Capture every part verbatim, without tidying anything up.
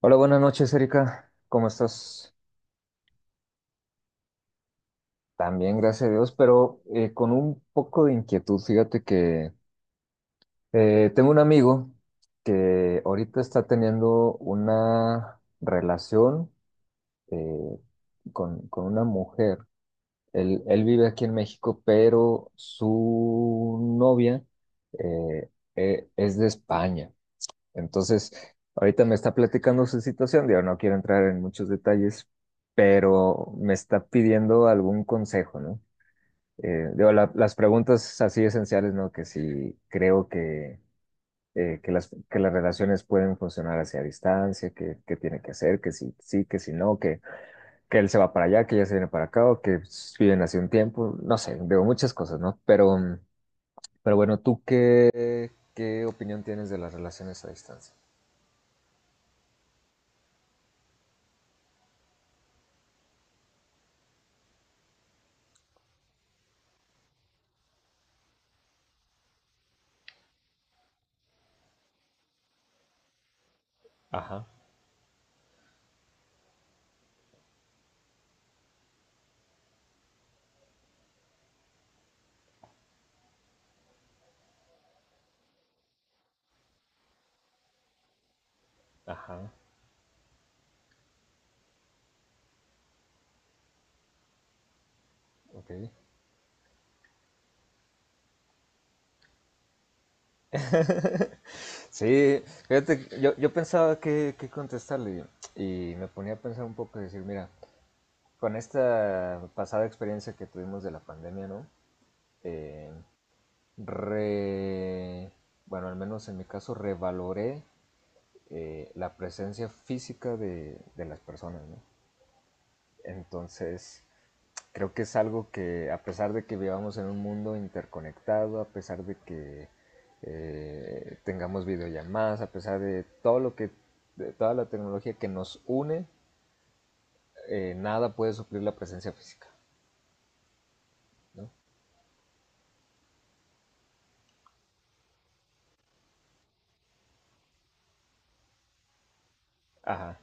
Hola, buenas noches, Erika. ¿Cómo estás? También, gracias a Dios, pero eh, con un poco de inquietud. Fíjate que eh, tengo un amigo que ahorita está teniendo una relación eh, con, con una mujer. Él, él vive aquí en México, pero su novia eh, eh, es de España. Entonces, ahorita me está platicando su situación, digo, no quiero entrar en muchos detalles, pero me está pidiendo algún consejo, ¿no? Eh, digo, la- las preguntas así esenciales, ¿no? Que si creo que, eh, que las, que las relaciones pueden funcionar hacia distancia, que, que tiene que hacer, que si sí, que si no, que, que él se va para allá, que ella se viene para acá, o que pues, viven hace un tiempo, no sé, digo, muchas cosas, ¿no? Pero, mm, pero bueno, ¿tú qué, qué opinión tienes de las relaciones a distancia? Ajá, ajá. Ok. Sí, fíjate, que yo, yo pensaba que, que contestarle y me ponía a pensar un poco y decir, mira, con esta pasada experiencia que tuvimos de la pandemia, ¿no? Eh, re, bueno, al menos en mi caso, revaloré eh, la presencia física de, de las personas, ¿no? Entonces, creo que es algo que, a pesar de que vivamos en un mundo interconectado, a pesar de que eh, tengamos videollamadas, a pesar de todo lo que, de toda la tecnología que nos une, eh, nada puede suplir la presencia física, ¿no? Ajá,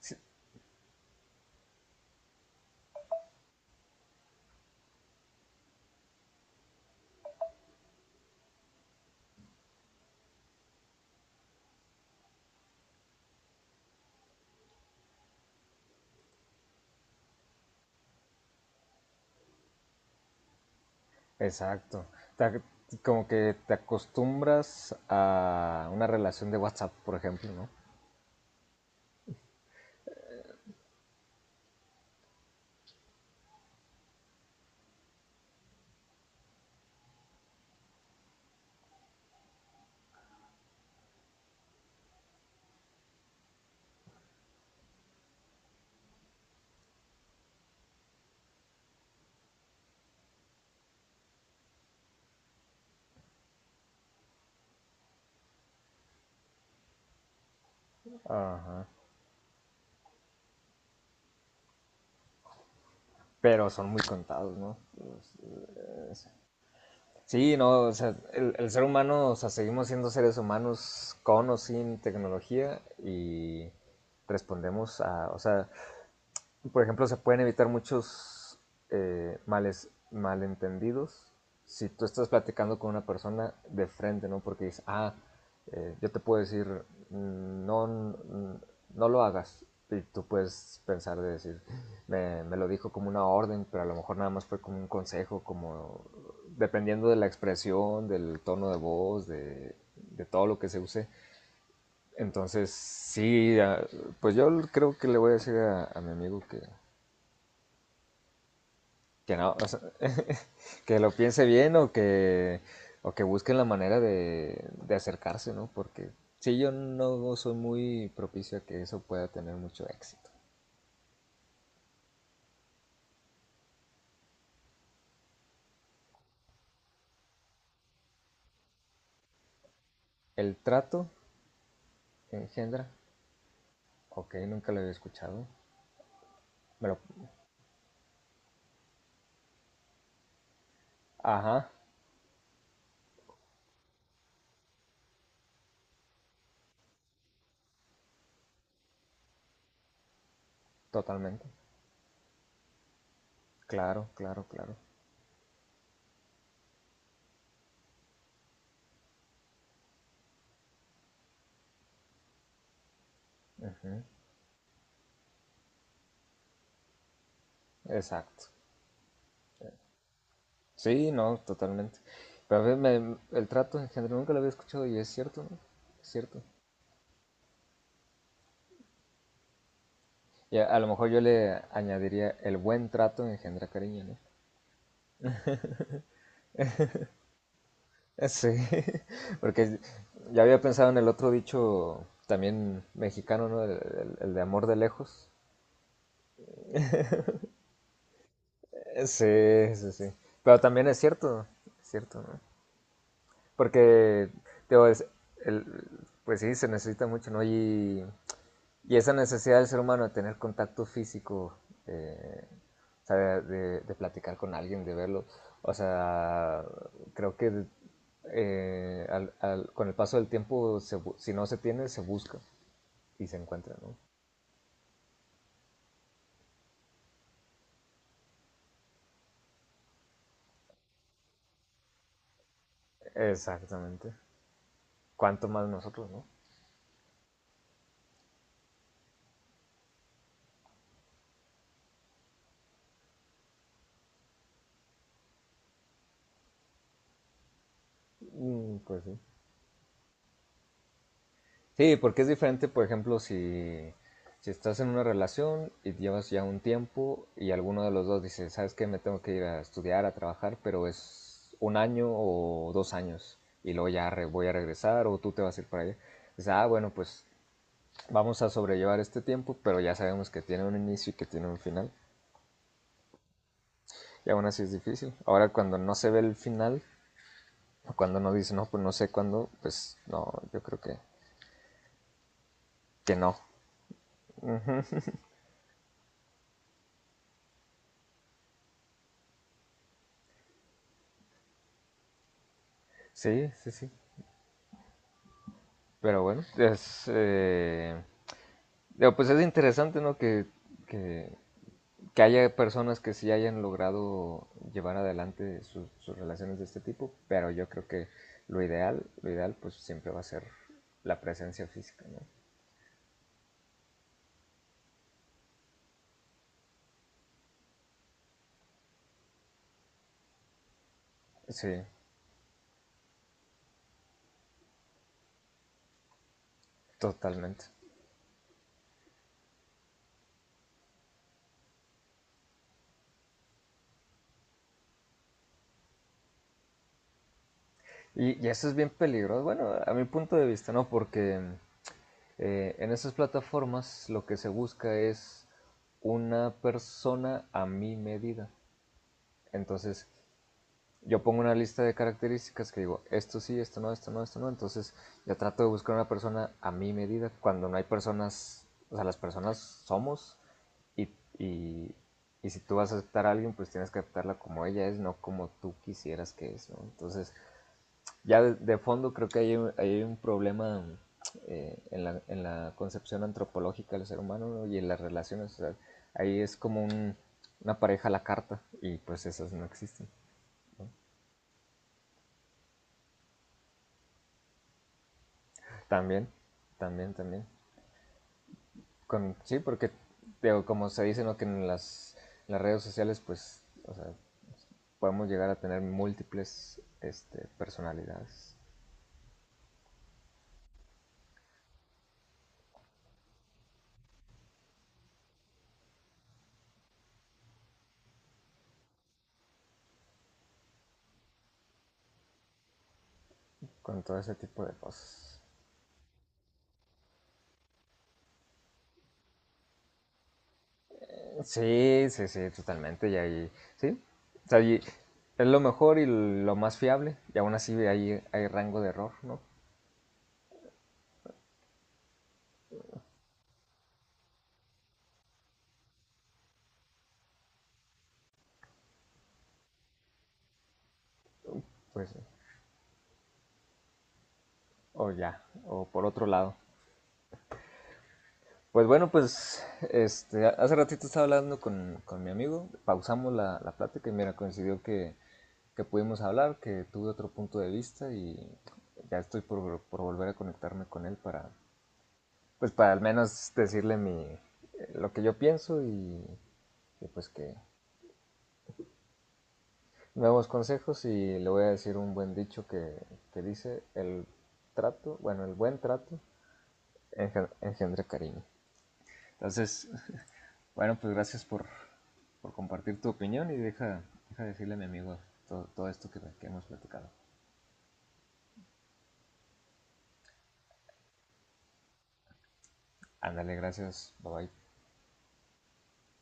sí, exacto. Ta- Como que te acostumbras a una relación de WhatsApp, por ejemplo, ¿no? Ajá. Pero son muy contados, ¿no? Sí, no, o sea, el, el ser humano, o sea, seguimos siendo seres humanos con o sin tecnología y respondemos a, o sea, por ejemplo, se pueden evitar muchos eh, males, malentendidos si tú estás platicando con una persona de frente, ¿no? Porque dices, ah, eh, yo te puedo decir, mm, no, mm, no lo hagas. Y tú puedes pensar de decir, me, me lo dijo como una orden, pero a lo mejor nada más fue como un consejo, como dependiendo de la expresión, del tono de voz, de, de todo lo que se use. Entonces, sí, ah, pues yo creo que le voy a decir a, a mi amigo que, Que no, o sea, que lo piense bien o que, o que busquen la manera de, de acercarse, ¿no? Porque sí, yo no soy muy propicio a que eso pueda tener mucho éxito. El trato engendra, ok, nunca lo había escuchado. Me lo- ajá, totalmente. Claro, claro, claro. Exacto. Sí, no, totalmente. Pero a veces me- el trato engendra nunca lo había escuchado y es cierto, ¿no? Es cierto. Y a, a lo mejor yo le añadiría el buen trato engendra cariño, ¿no? Sí, porque ya había pensado en el otro dicho también mexicano, ¿no? El, el- el de amor de lejos. Eh, Sí, sí, sí. Pero también es cierto, es cierto, ¿no? Porque, digo, es- el- pues sí, se necesita mucho, ¿no? Y, y esa necesidad del ser humano de tener contacto físico, eh, o sea, de, de- de platicar con alguien, de verlo, o sea, creo que eh, al- al- con el paso del tiempo, se bu- si no se tiene, se busca. Y se encuentran, ¿no? Exactamente. ¿Cuánto más nosotros, no? Mm, pues sí. Sí, porque es diferente, por ejemplo, si, si estás en una relación y llevas ya un tiempo y alguno de los dos dice, ¿sabes qué? Me tengo que ir a estudiar, a trabajar, pero es un año o dos años y luego ya re- voy a regresar o tú te vas a ir para allá. Dices, ah, bueno, pues vamos a sobrellevar este tiempo, pero ya sabemos que tiene un inicio y que tiene un final. Y aún así es difícil. Ahora cuando no se ve el final, o cuando uno dice, no, pues no sé cuándo, pues no, yo creo que, que no. Sí, sí, sí. Pero bueno, es, eh, digo, pues es interesante, ¿no? Que, que, que haya personas que sí hayan logrado llevar adelante su- sus relaciones de este tipo, pero yo creo que lo ideal, lo ideal pues siempre va a ser la presencia física, ¿no? Sí, totalmente. Y, y eso es bien peligroso, bueno, a mi punto de vista, ¿no? Porque Eh, en esas plataformas lo que se busca es una persona a mi medida. Entonces, yo pongo una lista de características que digo, esto sí, esto no, esto no, esto no. Entonces, yo trato de buscar una persona a mi medida. Cuando no hay personas, o sea, las personas somos y, y, y si tú vas a aceptar a alguien, pues tienes que aceptarla como ella es, no como tú quisieras que es, ¿no? Entonces, ya de, de fondo creo que hay, un- hay un problema eh, en la, en la concepción antropológica del ser humano, ¿no? Y en las relaciones. O sea, ahí es como un- una pareja a la carta y pues esas no existen. También, también, también. Con, sí, porque digo, como se dice, ¿no? Que en las, en las redes sociales pues o sea, podemos llegar a tener múltiples este, personalidades con todo ese tipo de cosas. Sí, sí, sí, totalmente. Y ahí, sí. O sea, y es lo mejor y lo más fiable. Y aún así hay, hay rango de error, ¿no? Pues, o ya, o por otro lado. Pues bueno, pues este, hace ratito estaba hablando con, con mi amigo, pausamos la, la plática y mira, coincidió que, que pudimos hablar, que tuve otro punto de vista y ya estoy por, por volver a conectarme con él para, pues para al menos decirle mi, lo que yo pienso y, y pues que, nuevos consejos y le voy a decir un buen dicho que, que dice el trato, bueno, el buen trato engen- engendra cariño. Entonces, bueno, pues gracias por, por compartir tu opinión y deja, deja decirle a mi amigo todo todo, esto que, que hemos platicado. Ándale, gracias, bye bye.